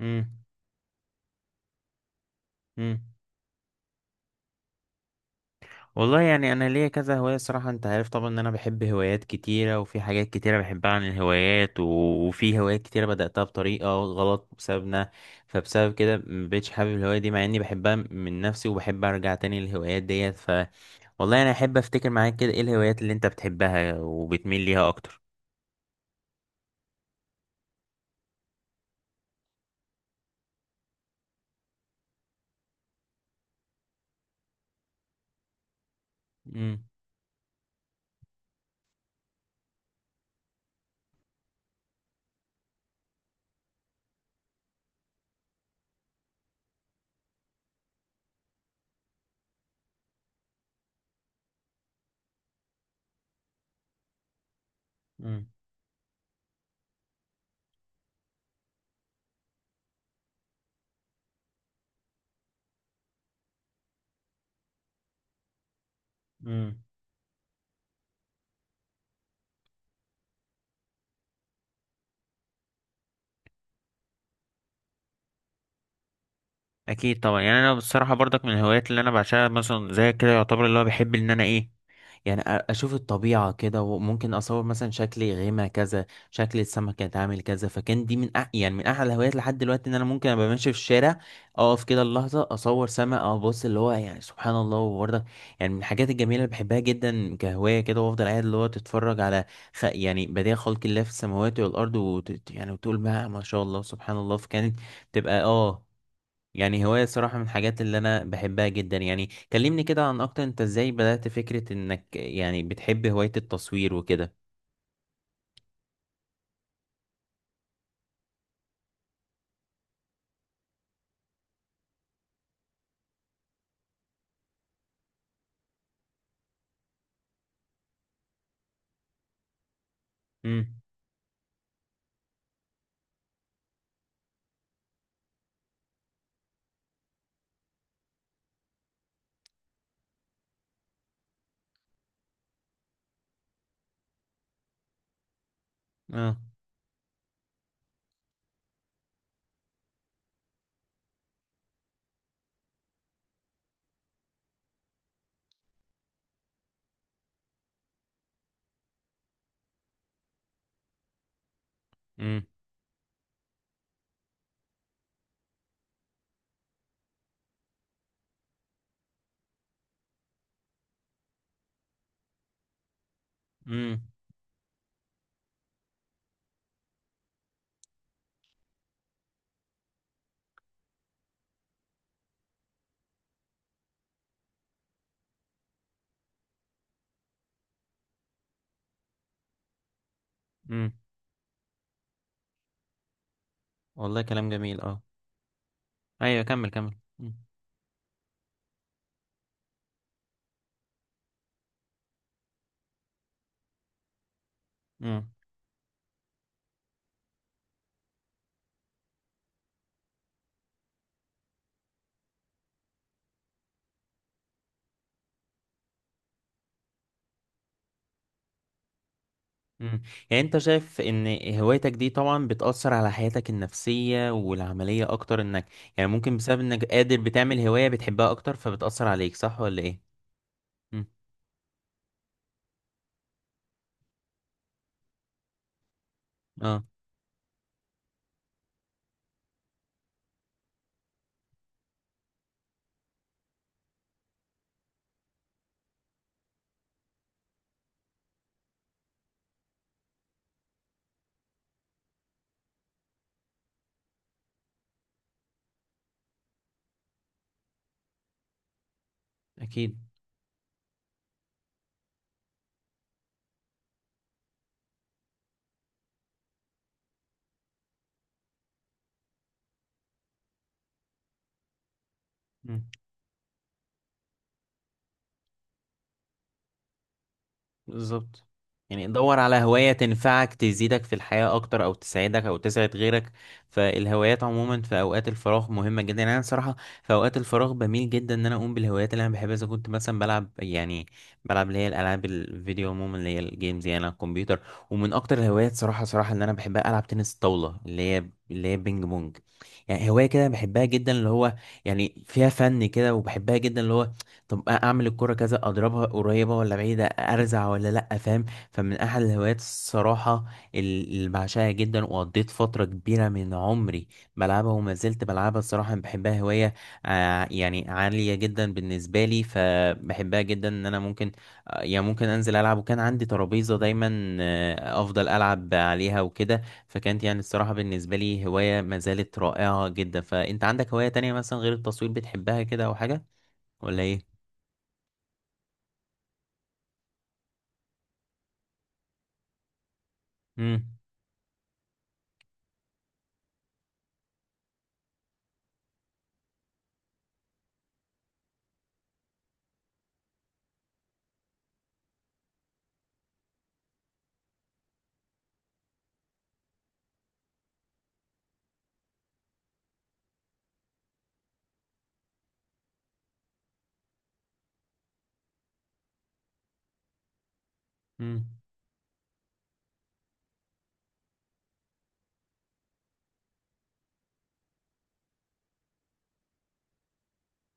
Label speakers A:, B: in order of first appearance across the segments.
A: مم. مم. والله يعني انا ليا كذا هوايه صراحه، انت عارف طبعا ان انا بحب هوايات كتيره وفي حاجات كتيره بحبها عن الهوايات وفي هوايات كتيره بداتها بطريقه غلط بسببنا. فبسبب كده مبقتش حابب الهوايه دي مع اني بحبها من نفسي، وبحب ارجع تاني للهوايات ديت. ف والله انا احب افتكر معاك كده ايه الهوايات اللي انت بتحبها وبتميل ليها اكتر. مم. مم. مم. اكيد طبعا. يعني انا بصراحه برضك من الهوايات اللي انا بعشقها مثلا زي كده، يعتبر اللي هو بحب ان انا ايه، يعني اشوف الطبيعة كده، وممكن اصور مثلا شكل غيمة كذا، شكل السمك اتعامل كذا. فكان دي من أح يعني من احلى الهوايات لحد دلوقتي، ان انا ممكن ابقى ماشي في الشارع، اقف كده اللحظة اصور سمك او ابص اللي هو، يعني سبحان الله. وبرضه يعني من الحاجات الجميلة اللي بحبها جدا كهواية كده، وافضل قاعد اللي هو تتفرج على يعني بديع خلق الله في السماوات والارض يعني وتقول ما شاء الله سبحان الله. فكانت تبقى اه، يعني هواية الصراحة من الحاجات اللي أنا بحبها جدا يعني. كلمني كده عن أكتر، أنت إزاي بدأت فكرة إنك يعني بتحب هواية التصوير وكده؟ امم. اه. امم. امم. امم. والله كلام جميل اه. أيوة، كمل كمل. امم. امم. امم. يعني أنت شايف إن هوايتك دي طبعا بتأثر على حياتك النفسية والعملية أكتر، إنك يعني ممكن بسبب إنك قادر بتعمل هواية بتحبها أكتر فبتأثر عليك، صح ولا إيه؟ امم. اه. أكيد. امم. بالظبط. يعني دور على هواية تنفعك، تزيدك في الحياة أكتر أو تساعدك أو تسعد غيرك. فالهوايات عموما في أوقات الفراغ مهمة جدا. يعني أنا صراحة في أوقات الفراغ بميل جدا إن أنا أقوم بالهوايات اللي أنا بحبها. إذا كنت مثلا بلعب، يعني بلعب اللي هي الألعاب الفيديو عموما اللي هي الجيمز يعني على الكمبيوتر. ومن أكتر الهوايات صراحة صراحة اللي أنا بحبها ألعب تنس الطاولة اللي هي اللي هي بينج بونج. يعني هواية كده بحبها جدا اللي هو، يعني فيها فن كده وبحبها جدا اللي هو، طب اعمل الكرة كذا، اضربها قريبة ولا بعيدة، ارزع ولا لا، فاهم؟ فمن احد الهوايات الصراحة اللي بعشقها جدا وقضيت فترة كبيرة من عمري بلعبها، وما زلت بلعبها الصراحة. أنا بحبها هواية يعني عالية جدا بالنسبة لي، فبحبها جدا ان انا ممكن يعني ممكن انزل العب، وكان عندي ترابيزة دايما افضل العب عليها وكده. فكانت يعني الصراحة بالنسبة لي هواية ما زالت رائعة جدا. فانت عندك هواية تانية مثلا غير التصوير بتحبها كده او حاجة ولا ايه؟ مم. مم.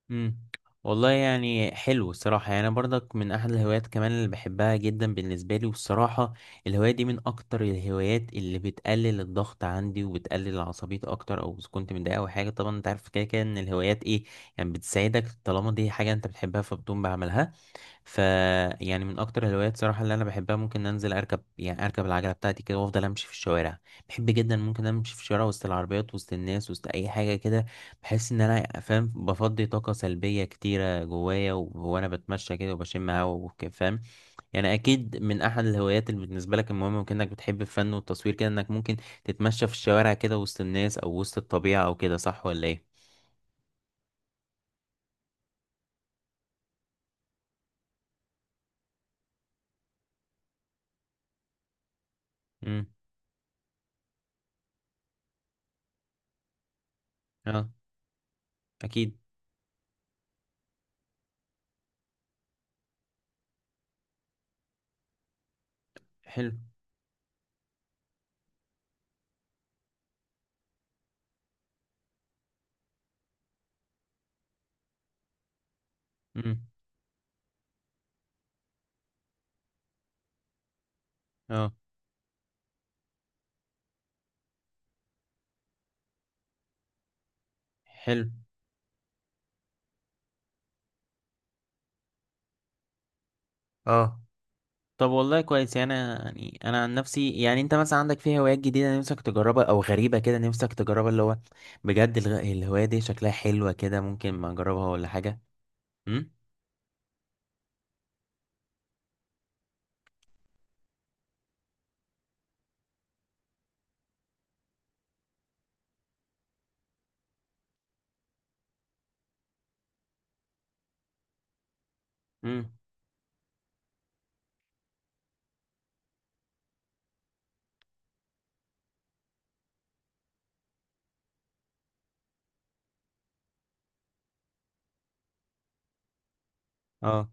A: مم. والله يعني حلو الصراحة. يعني أنا برضك من أحد الهوايات كمان اللي بحبها جدا بالنسبة لي، والصراحة الهواية دي من أكتر الهوايات اللي بتقلل الضغط عندي وبتقلل العصبية أكتر، أو إذا كنت متضايق أو حاجة. طبعا أنت عارف كده كده إن الهوايات إيه، يعني بتساعدك طالما دي حاجة أنت بتحبها فبتقوم بعملها. ف يعني من اكتر الهوايات صراحه اللي انا بحبها ممكن انزل اركب، يعني اركب العجله بتاعتي كده وافضل امشي في الشوارع. بحب جدا ممكن امشي في الشوارع وسط العربيات، وسط الناس، وسط اي حاجه كده. بحس ان انا فاهم بفضي طاقه سلبيه كتيره جوايا، وانا بتمشى كده وبشم هوا فاهم. يعني اكيد من احد الهوايات اللي بالنسبه لك المهمه، وكانك بتحب الفن والتصوير كده، انك ممكن تتمشى في الشوارع كده وسط الناس او وسط الطبيعه او كده، صح ولا ايه؟ امم. اه. اكيد. حلو. امم. اه. حلو. اه. طب والله كويس. يعني انا يعني انا عن نفسي، يعني انت مثلا عندك في هوايات جديده نفسك تجربها او غريبه كده نفسك تجربها اللي هو بجد؟ الهوايه دي شكلها حلوه كده، ممكن ما اجربها ولا حاجه؟ امم. امم. اه.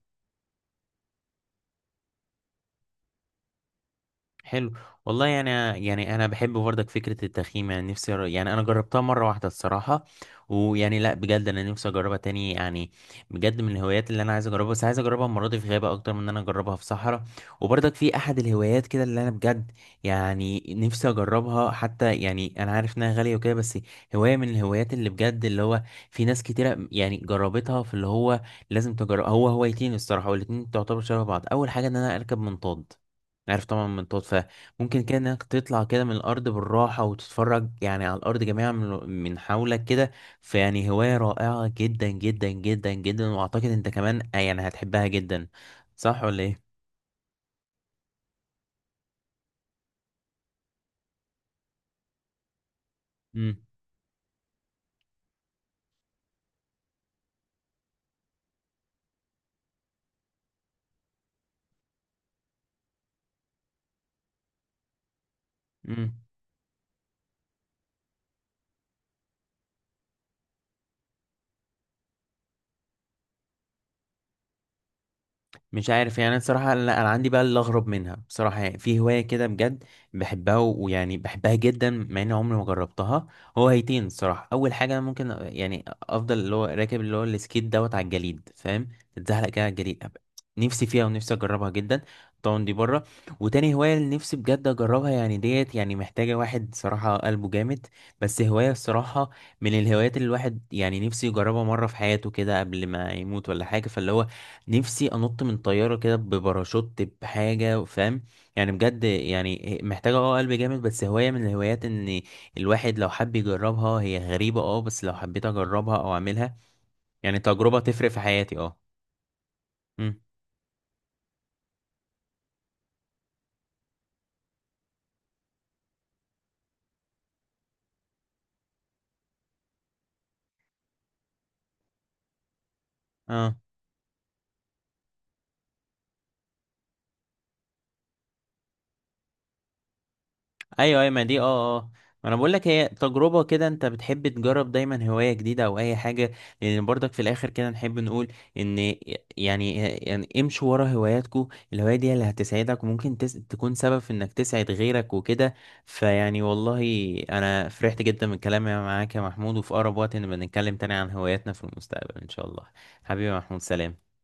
A: حلو. والله يعني، يعني انا بحب برضك فكره التخييم. يعني نفسي يعني انا جربتها مره واحده الصراحه، ويعني لا بجد انا نفسي اجربها تاني. يعني بجد من الهوايات اللي انا عايز اجربها، بس عايز اجربها المره دي في غابه اكتر من ان انا اجربها في صحراء. وبرضك في احد الهوايات كده اللي انا بجد يعني نفسي اجربها، حتى يعني انا عارف انها غاليه وكده، بس هوايه من الهوايات اللي بجد اللي هو في ناس كتيره يعني جربتها في اللي هو لازم تجرب. هو هوايتين الصراحه والاتنين تعتبر شبه بعض. اول حاجه ان انا اركب منطاد، عارف طبعا من طوط، فممكن كده انك تطلع كده من الارض بالراحه وتتفرج يعني على الارض جميعا من حولك كده. فيعني هوايه رائعه جدا جدا جدا جدا، واعتقد انت كمان يعني هتحبها جدا، صح ولا ايه؟ امم. مش عارف. يعني انا الصراحه لا، انا عندي بقى اللي اغرب منها بصراحه. يعني في هوايه كده بجد بحبها ويعني بحبها جدا مع اني عمري ما جربتها. هو هيتين الصراحه. اول حاجه أنا ممكن يعني افضل اللي هو راكب اللي هو السكيت دوت على الجليد، فاهم، تتزحلق كده على الجليد نفسي فيها ونفسي اجربها جدا. طبعا دي بره. وتاني هوايه اللي نفسي بجد اجربها، يعني ديت يعني محتاجه واحد صراحه قلبه جامد. بس هوايه الصراحه من الهوايات اللي الواحد يعني نفسه يجربها مره في حياته كده قبل ما يموت ولا حاجه. فاللي هو نفسي انط من طياره كده بباراشوت بحاجه، فاهم؟ يعني بجد يعني محتاجه اه قلب جامد، بس هوايه من الهوايات ان الواحد لو حب يجربها، هي غريبه اه، بس لو حبيت اجربها او اعملها يعني تجربه تفرق في حياتي اه. امم. اه. ايوه ايوه، ما دي اه اه، ما انا بقول لك هي تجربه كده، انت بتحب تجرب دايما هوايه جديده او اي حاجه. لان برضك في الاخر كده نحب نقول ان يعني امشوا ورا هواياتكم. الهوايه دي اللي هتسعدك وممكن تكون سبب في انك تسعد غيرك وكده. فيعني والله انا فرحت جدا من كلامي معاك يا محمود، وفي اقرب وقت نبقى نتكلم تاني عن هواياتنا في المستقبل ان شاء الله. حبيبي يا محمود، سلام.